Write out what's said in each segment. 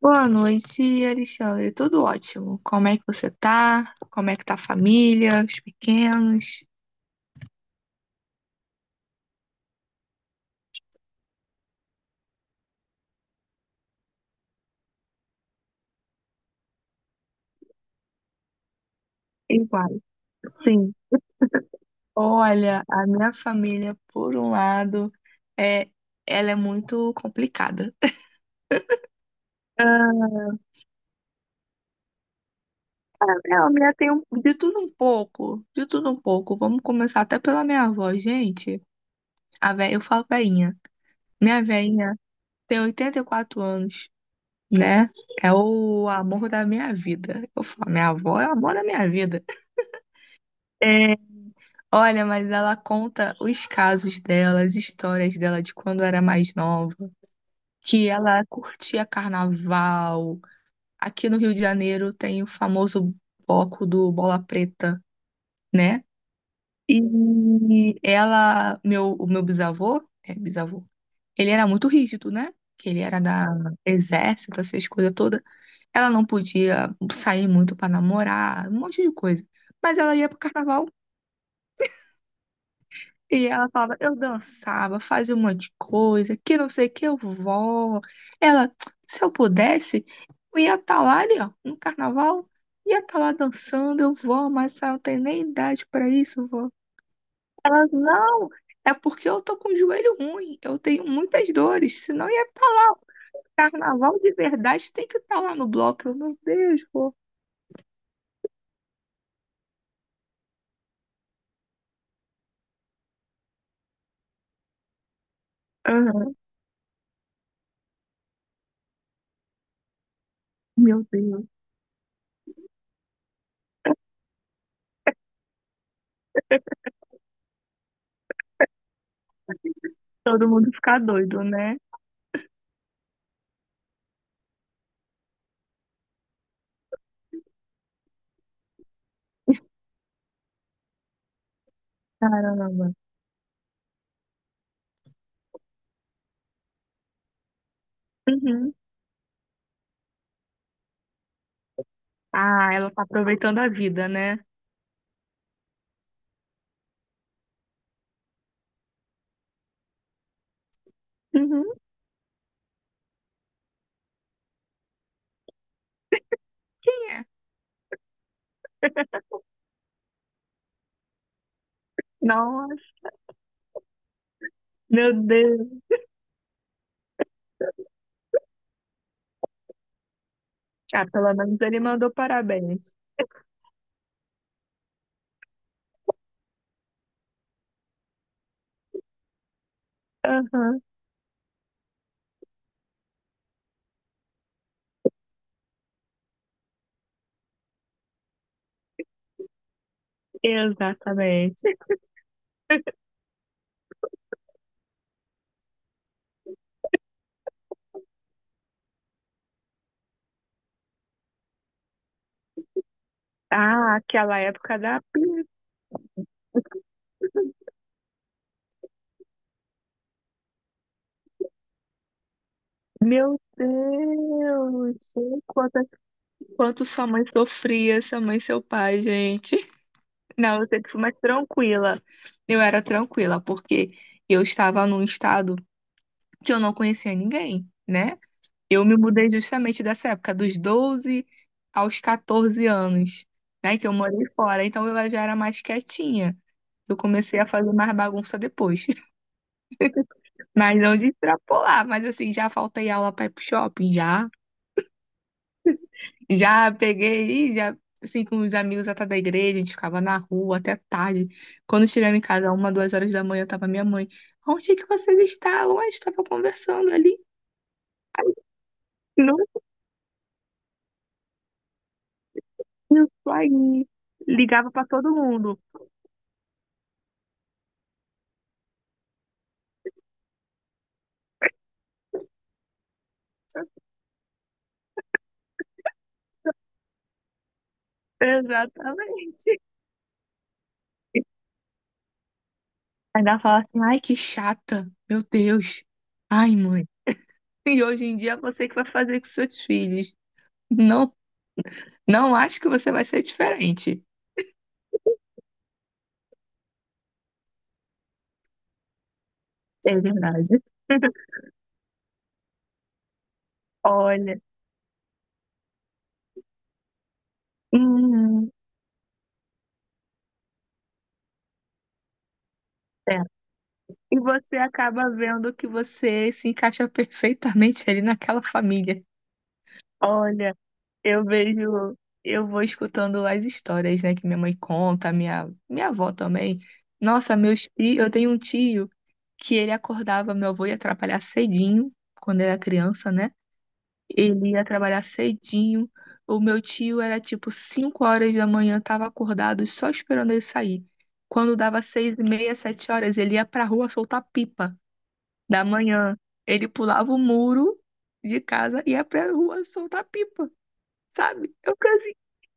Boa noite, Alexandre. Tudo ótimo. Como é que você tá? Como é que tá a família, os pequenos? Igual. Sim. Olha, a minha família, por um lado, é, ela é muito complicada. Ah. É, a minha tem de tudo um pouco, de tudo um pouco. Vamos começar até pela minha avó, gente. Eu falo veinha. Minha veinha tem 84 anos, né? É o amor da minha vida. Eu falo, minha avó é o amor da minha vida. Olha, mas ela conta os casos dela, as histórias dela de quando era mais nova, que ela curtia carnaval. Aqui no Rio de Janeiro tem o famoso bloco do Bola Preta, né? E ela, meu, o meu bisavô, é bisavô, ele era muito rígido, né? Que ele era da exército, essas coisas todas. Ela não podia sair muito pra namorar, um monte de coisa. Mas ela ia pro carnaval. E ela falava, eu dançava, fazia um monte de coisa, que não sei o que, eu vou. Ela, se eu pudesse, eu ia estar lá ali, ó, no carnaval, ia estar lá dançando, eu vou, mas eu não tenho nem idade para isso, vó. Ela, não, é porque eu tô com o joelho ruim, eu tenho muitas dores, senão ia estar lá. Carnaval de verdade tem que estar lá no bloco. Eu, meu Deus, vó. Aham. Meu Deus, todo mundo fica doido, né? Caramba. Uhum. Ah, ela tá aproveitando a vida, né? Uhum. Nossa, meu Deus. Ah, pelo menos ele mandou parabéns. Aham, exatamente. Ah, aquela época da. Deus, quanto sua mãe sofria, sua mãe e seu pai, gente. Não, eu sempre fui mais tranquila. Eu era tranquila, porque eu estava num estado que eu não conhecia ninguém, né? Eu me mudei justamente dessa época, dos 12 aos 14 anos, né? Que eu morei fora. Então eu já era mais quietinha. Eu comecei a fazer mais bagunça depois. Mas não de extrapolar. Mas assim, já faltei aula para ir pro shopping, já. Já peguei, já, assim, com os amigos até da igreja, a gente ficava na rua até tarde. Quando eu chegava em casa, uma, 2 horas da manhã, tava minha mãe. Onde é que vocês estavam? A gente tava conversando ali. Não, isso aí. Ligava para todo mundo. Exatamente. Ainda fala assim, ai, que chata, meu Deus. Ai, mãe. E hoje em dia é você que vai fazer com seus filhos. Não, não acho que você vai ser diferente. É verdade. Olha, hum, é. E você acaba vendo que você se encaixa perfeitamente ali naquela família. Olha. Eu vejo, eu vou escutando as histórias, né, que minha mãe conta, minha avó também. Nossa, meus tios, eu tenho um tio que ele acordava, meu avô ia trabalhar cedinho, quando era criança, né? Ele ia trabalhar cedinho. O meu tio era tipo 5 horas da manhã, tava acordado, só esperando ele sair. Quando dava 6h30, 7 horas, ele ia pra rua soltar pipa da manhã. Ele pulava o muro de casa e ia pra rua soltar pipa, sabe? Eu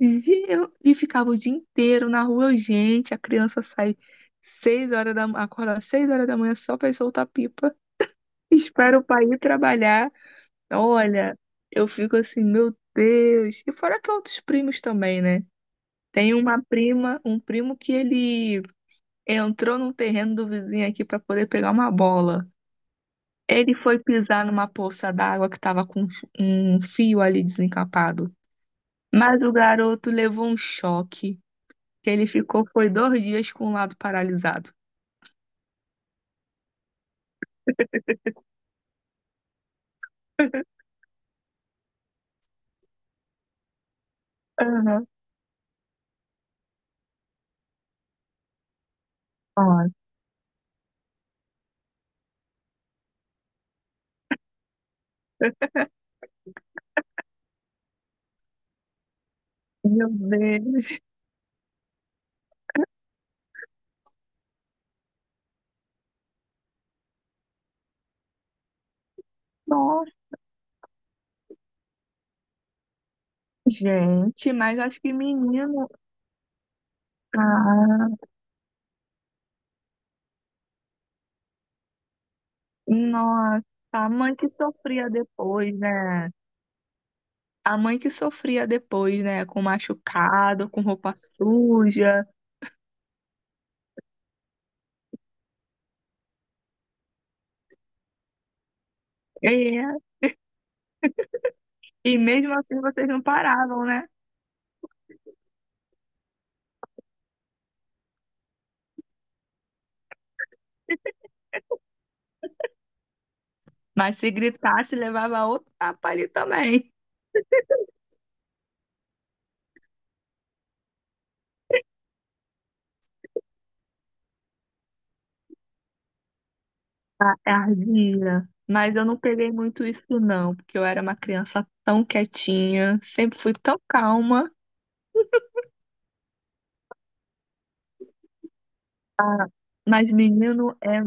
e, eu, e ficava o dia inteiro na rua, gente. A criança sai seis horas da ma- acorda 6 horas da manhã só pra ir soltar pipa. Espera o pai ir trabalhar. Olha, eu fico assim, meu Deus. E fora que outros primos também, né? Tem uma prima, um primo que ele entrou num terreno do vizinho aqui pra poder pegar uma bola. Ele foi pisar numa poça d'água que tava com um fio ali desencapado. Mas o garoto levou um choque. Que ele ficou foi 2 dias com o lado paralisado. Aham. Ai, meu Deus. Nossa, gente, mas acho que menino. Ah, nossa, a mãe que sofria depois, né? A mãe que sofria depois, né? Com machucado, com roupa suja. E, e mesmo assim vocês não paravam, né? Mas se gritasse, levava outro tapa ali também. Ah, é ardia. Mas eu não peguei muito isso, não, porque eu era uma criança tão quietinha, sempre fui tão calma. Mas menino é.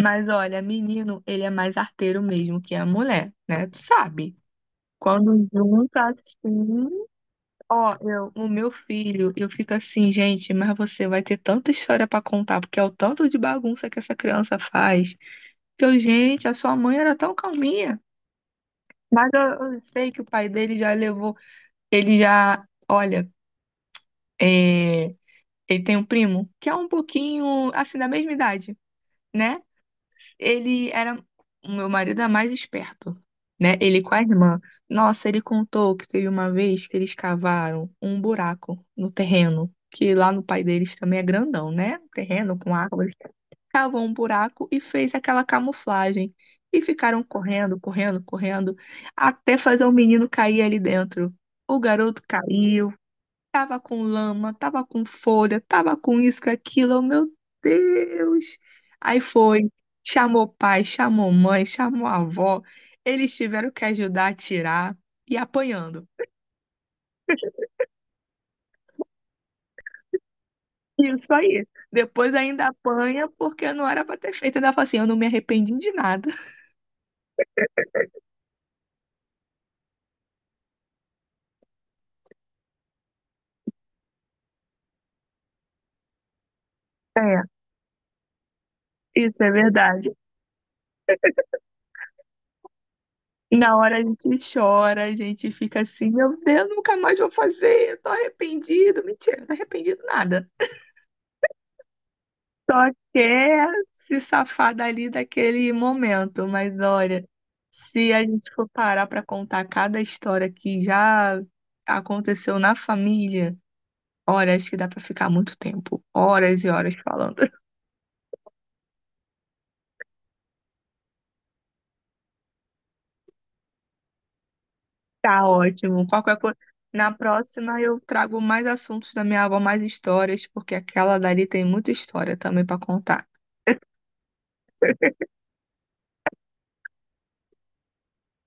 Mas olha, menino, ele é mais arteiro mesmo que a mulher, né? Tu sabe? Quando junta assim. Ó, eu, o meu filho, eu fico assim, gente, mas você vai ter tanta história pra contar, porque é o tanto de bagunça que essa criança faz. Que eu, gente, a sua mãe era tão calminha. Mas eu sei que o pai dele já levou. Ele já. Olha. É, ele tem um primo que é um pouquinho assim da mesma idade, né? Ele era O meu marido é mais esperto, né? Ele com a irmã. Nossa, ele contou que teve uma vez que eles cavaram um buraco no terreno, que lá no pai deles também é grandão, né? Um Terreno com árvores. Cavou um buraco e fez aquela camuflagem. E ficaram correndo, correndo, correndo, até fazer o menino cair ali dentro. O garoto caiu. Tava com lama, tava com folha, tava com isso, com aquilo. Eu, meu Deus! Aí foi, chamou pai, chamou mãe, chamou avó. Eles tiveram que ajudar a tirar e apanhando. Isso aí. Depois ainda apanha porque não era pra ter feito. Ainda fala assim, eu não me arrependi de nada. É, isso é verdade. Na hora a gente chora, a gente fica assim, meu Deus, nunca mais vou fazer, eu tô arrependido. Mentira, não arrependido nada. Só quer se safar dali daquele momento, mas olha, se a gente for parar para contar cada história que já aconteceu na família, olha, acho que dá para ficar muito tempo, horas e horas falando. Tá ótimo. Qualquer coisa. Na próxima eu trago mais assuntos da minha avó, mais histórias, porque aquela dali tem muita história também para contar.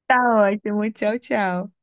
Tá ótimo. Tchau, tchau.